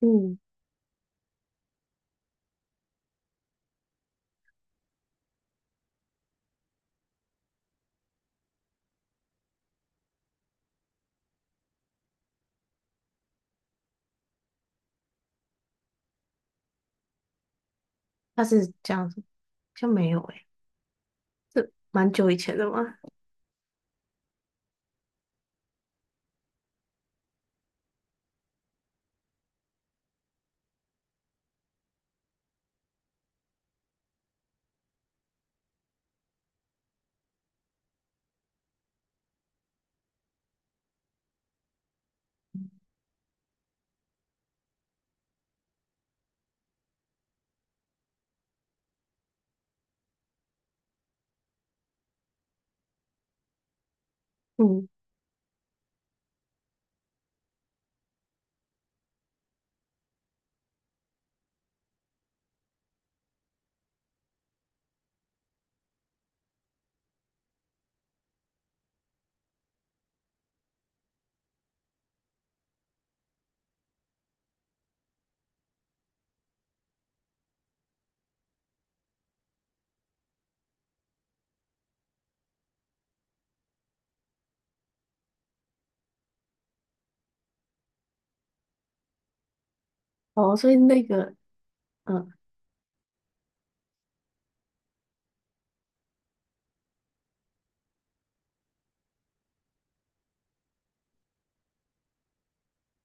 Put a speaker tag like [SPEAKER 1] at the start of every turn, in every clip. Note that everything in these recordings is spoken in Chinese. [SPEAKER 1] 嗯，他是这样子，像没有诶、这蛮久以前的嘛。嗯，哦，所以那个，嗯，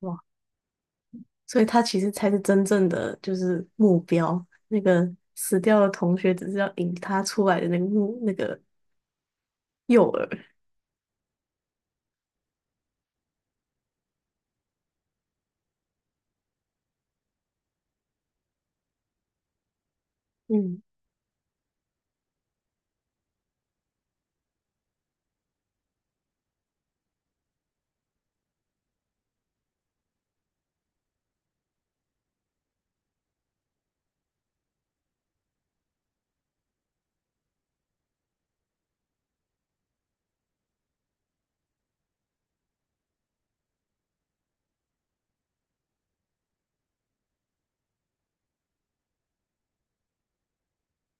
[SPEAKER 1] 哇，所以他其实才是真正的就是目标，那个死掉的同学只是要引他出来的那个目那个诱饵。嗯，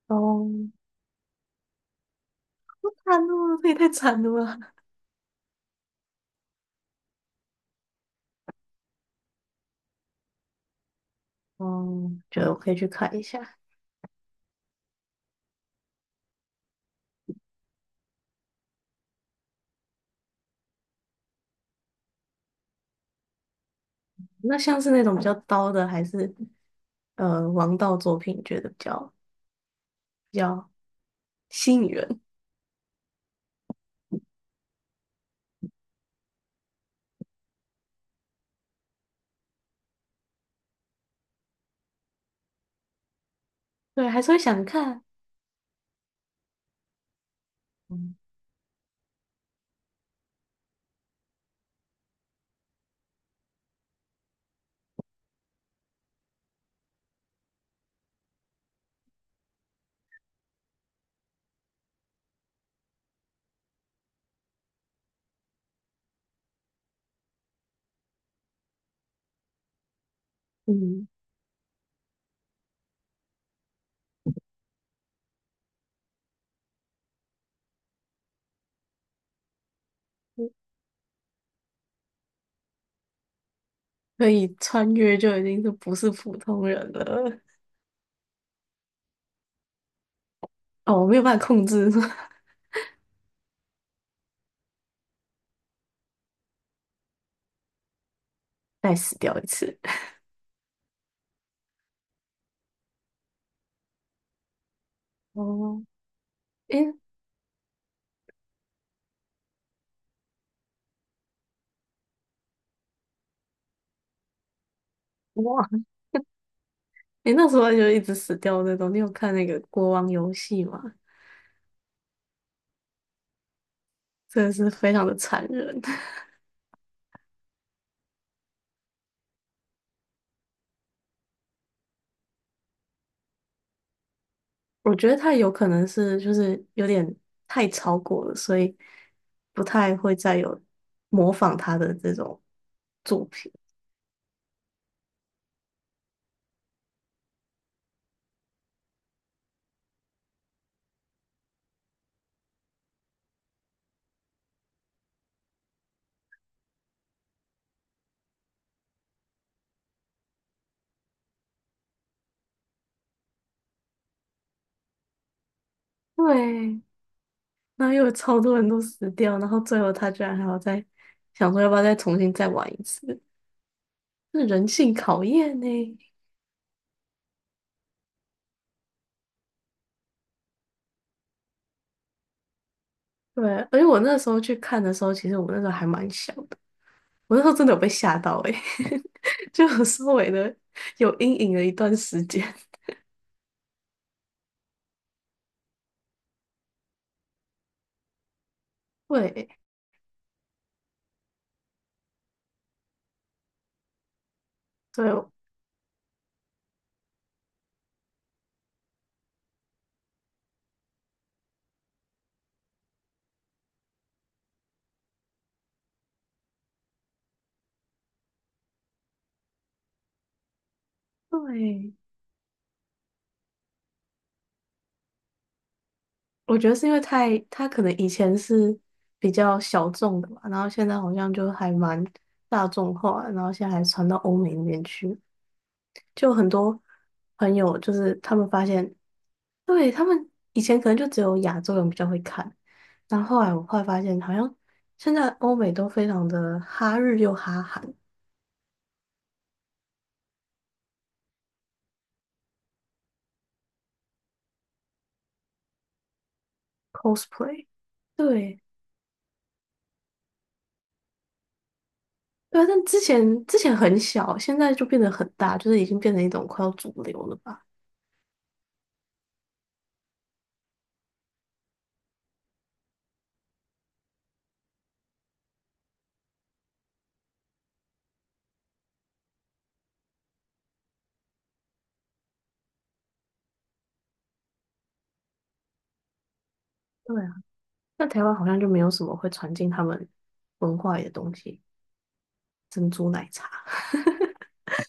[SPEAKER 1] 哦，好惨哦，这也太惨了吧。哦，觉得我可以去看一下。那像是那种比较刀的，还是王道作品，觉得比较吸引人。对，还是会想看。嗯嗯。可以穿越就已经是不是普通人了。哦，我没有办法控制，再死掉一次。哦，诶，哇，诶，那时候就一直死掉那种。你有看那个国王游戏吗？真的是非常的残忍。我觉得他有可能是就是有点太超过了，所以不太会再有模仿他的这种作品。对，那又有超多人都死掉，然后最后他居然还要再想说要不要再重新再玩一次。是人性考验呢。对，而且我那时候去看的时候，其实我那时候还蛮小的，我那时候真的有被吓到诶、欸 就有稍微的有阴影了一段时间。对，对，对，我觉得是因为太，他可能以前是比较小众的吧，然后现在好像就还蛮大众化的，然后现在还传到欧美那边去，就很多朋友就是他们发现，对，他们以前可能就只有亚洲人比较会看，但后来我后来发现，好像现在欧美都非常的哈日又哈韩 cosplay,对，对啊，但之前很小，现在就变得很大，就是已经变成一种快要主流了吧。对啊，那台湾好像就没有什么会传进他们文化里的东西，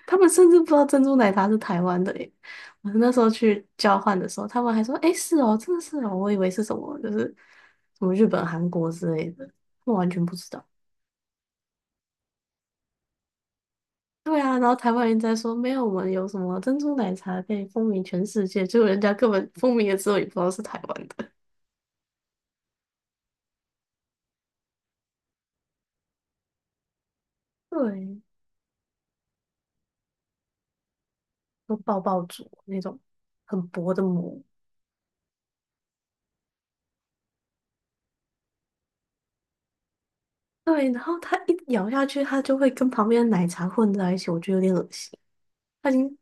[SPEAKER 1] 他们甚至不知道珍珠奶茶是台湾的耶。我那时候去交换的时候，他们还说："诶，是哦，真的是哦，我以为是什么，就是什么日本、韩国之类的，我完全不知道。"对啊，然后台湾人在说："没有，我们有什么珍珠奶茶可以风靡全世界。"结果人家根本风靡了之后也不知道是台湾的。对，有爆爆竹那种很薄的膜，对，然后它一咬下去，它就会跟旁边的奶茶混在一起，我觉得有点恶心。它已经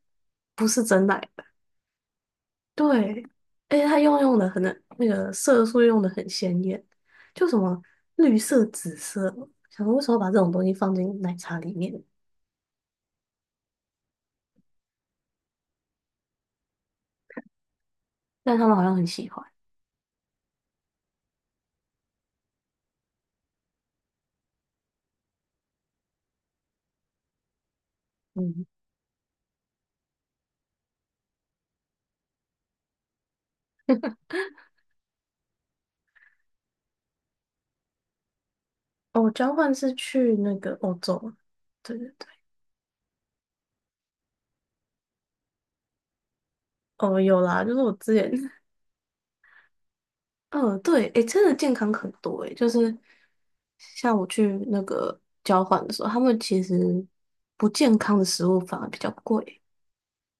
[SPEAKER 1] 不是真奶了。对，而且它用的可能那个色素用的很鲜艳，就什么绿色、紫色，想说为什么把这种东西放进奶茶里面？但他们好像很喜欢。嗯，哦，交换是去那个欧洲，对，对，对，哦，有啦，就是我之前 嗯，对，诶，真的健康很多，诶，就是像我去那个交换的时候，他们其实不健康的食物反而比较贵，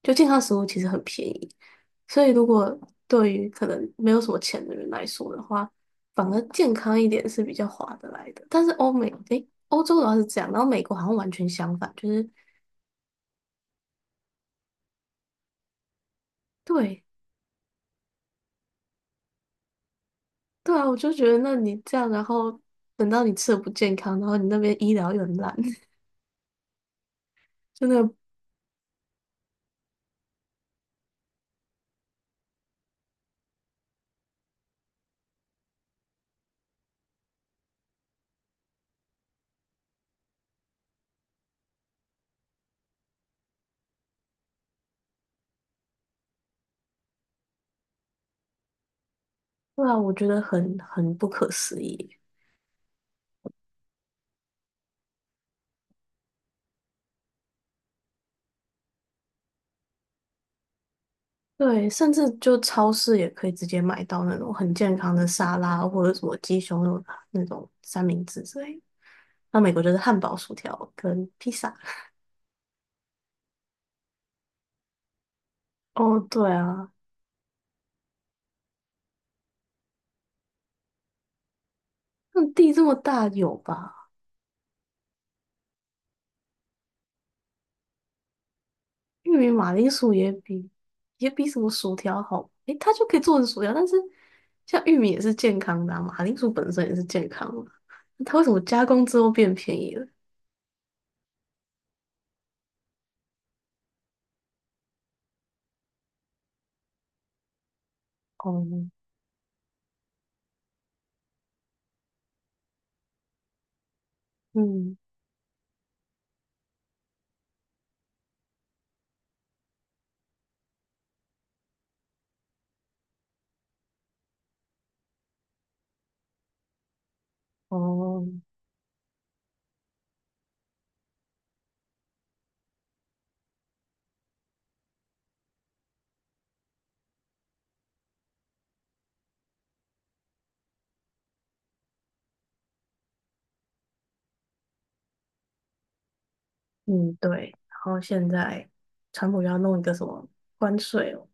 [SPEAKER 1] 就健康食物其实很便宜，所以如果对于可能没有什么钱的人来说的话，反而健康一点是比较划得来的。但是欧美，诶，欧洲的话是这样，然后美国好像完全相反，就是对，对啊，我就觉得那你这样，然后等到你吃的不健康，然后你那边医疗又很烂。真的。对啊，我觉得很不可思议。对，甚至就超市也可以直接买到那种很健康的沙拉，或者什么鸡胸肉啊那种三明治之类的。那美国就是汉堡、薯条跟披萨。哦，对啊，那地这么大有吧？玉米、马铃薯也比什么薯条好，诶，它就可以做成薯条，但是像玉米也是健康的啊，马铃薯本身也是健康的啊，那它为什么加工之后变便宜了？哦，嗯，哦。嗯，对。然后现在川普又要弄一个什么关税哦，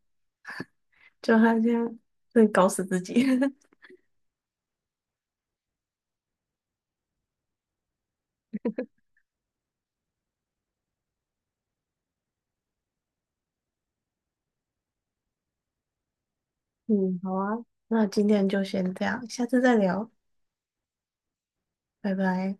[SPEAKER 1] 就他这样会搞死自己。嗯，好啊，那今天就先这样，下次再聊，拜拜。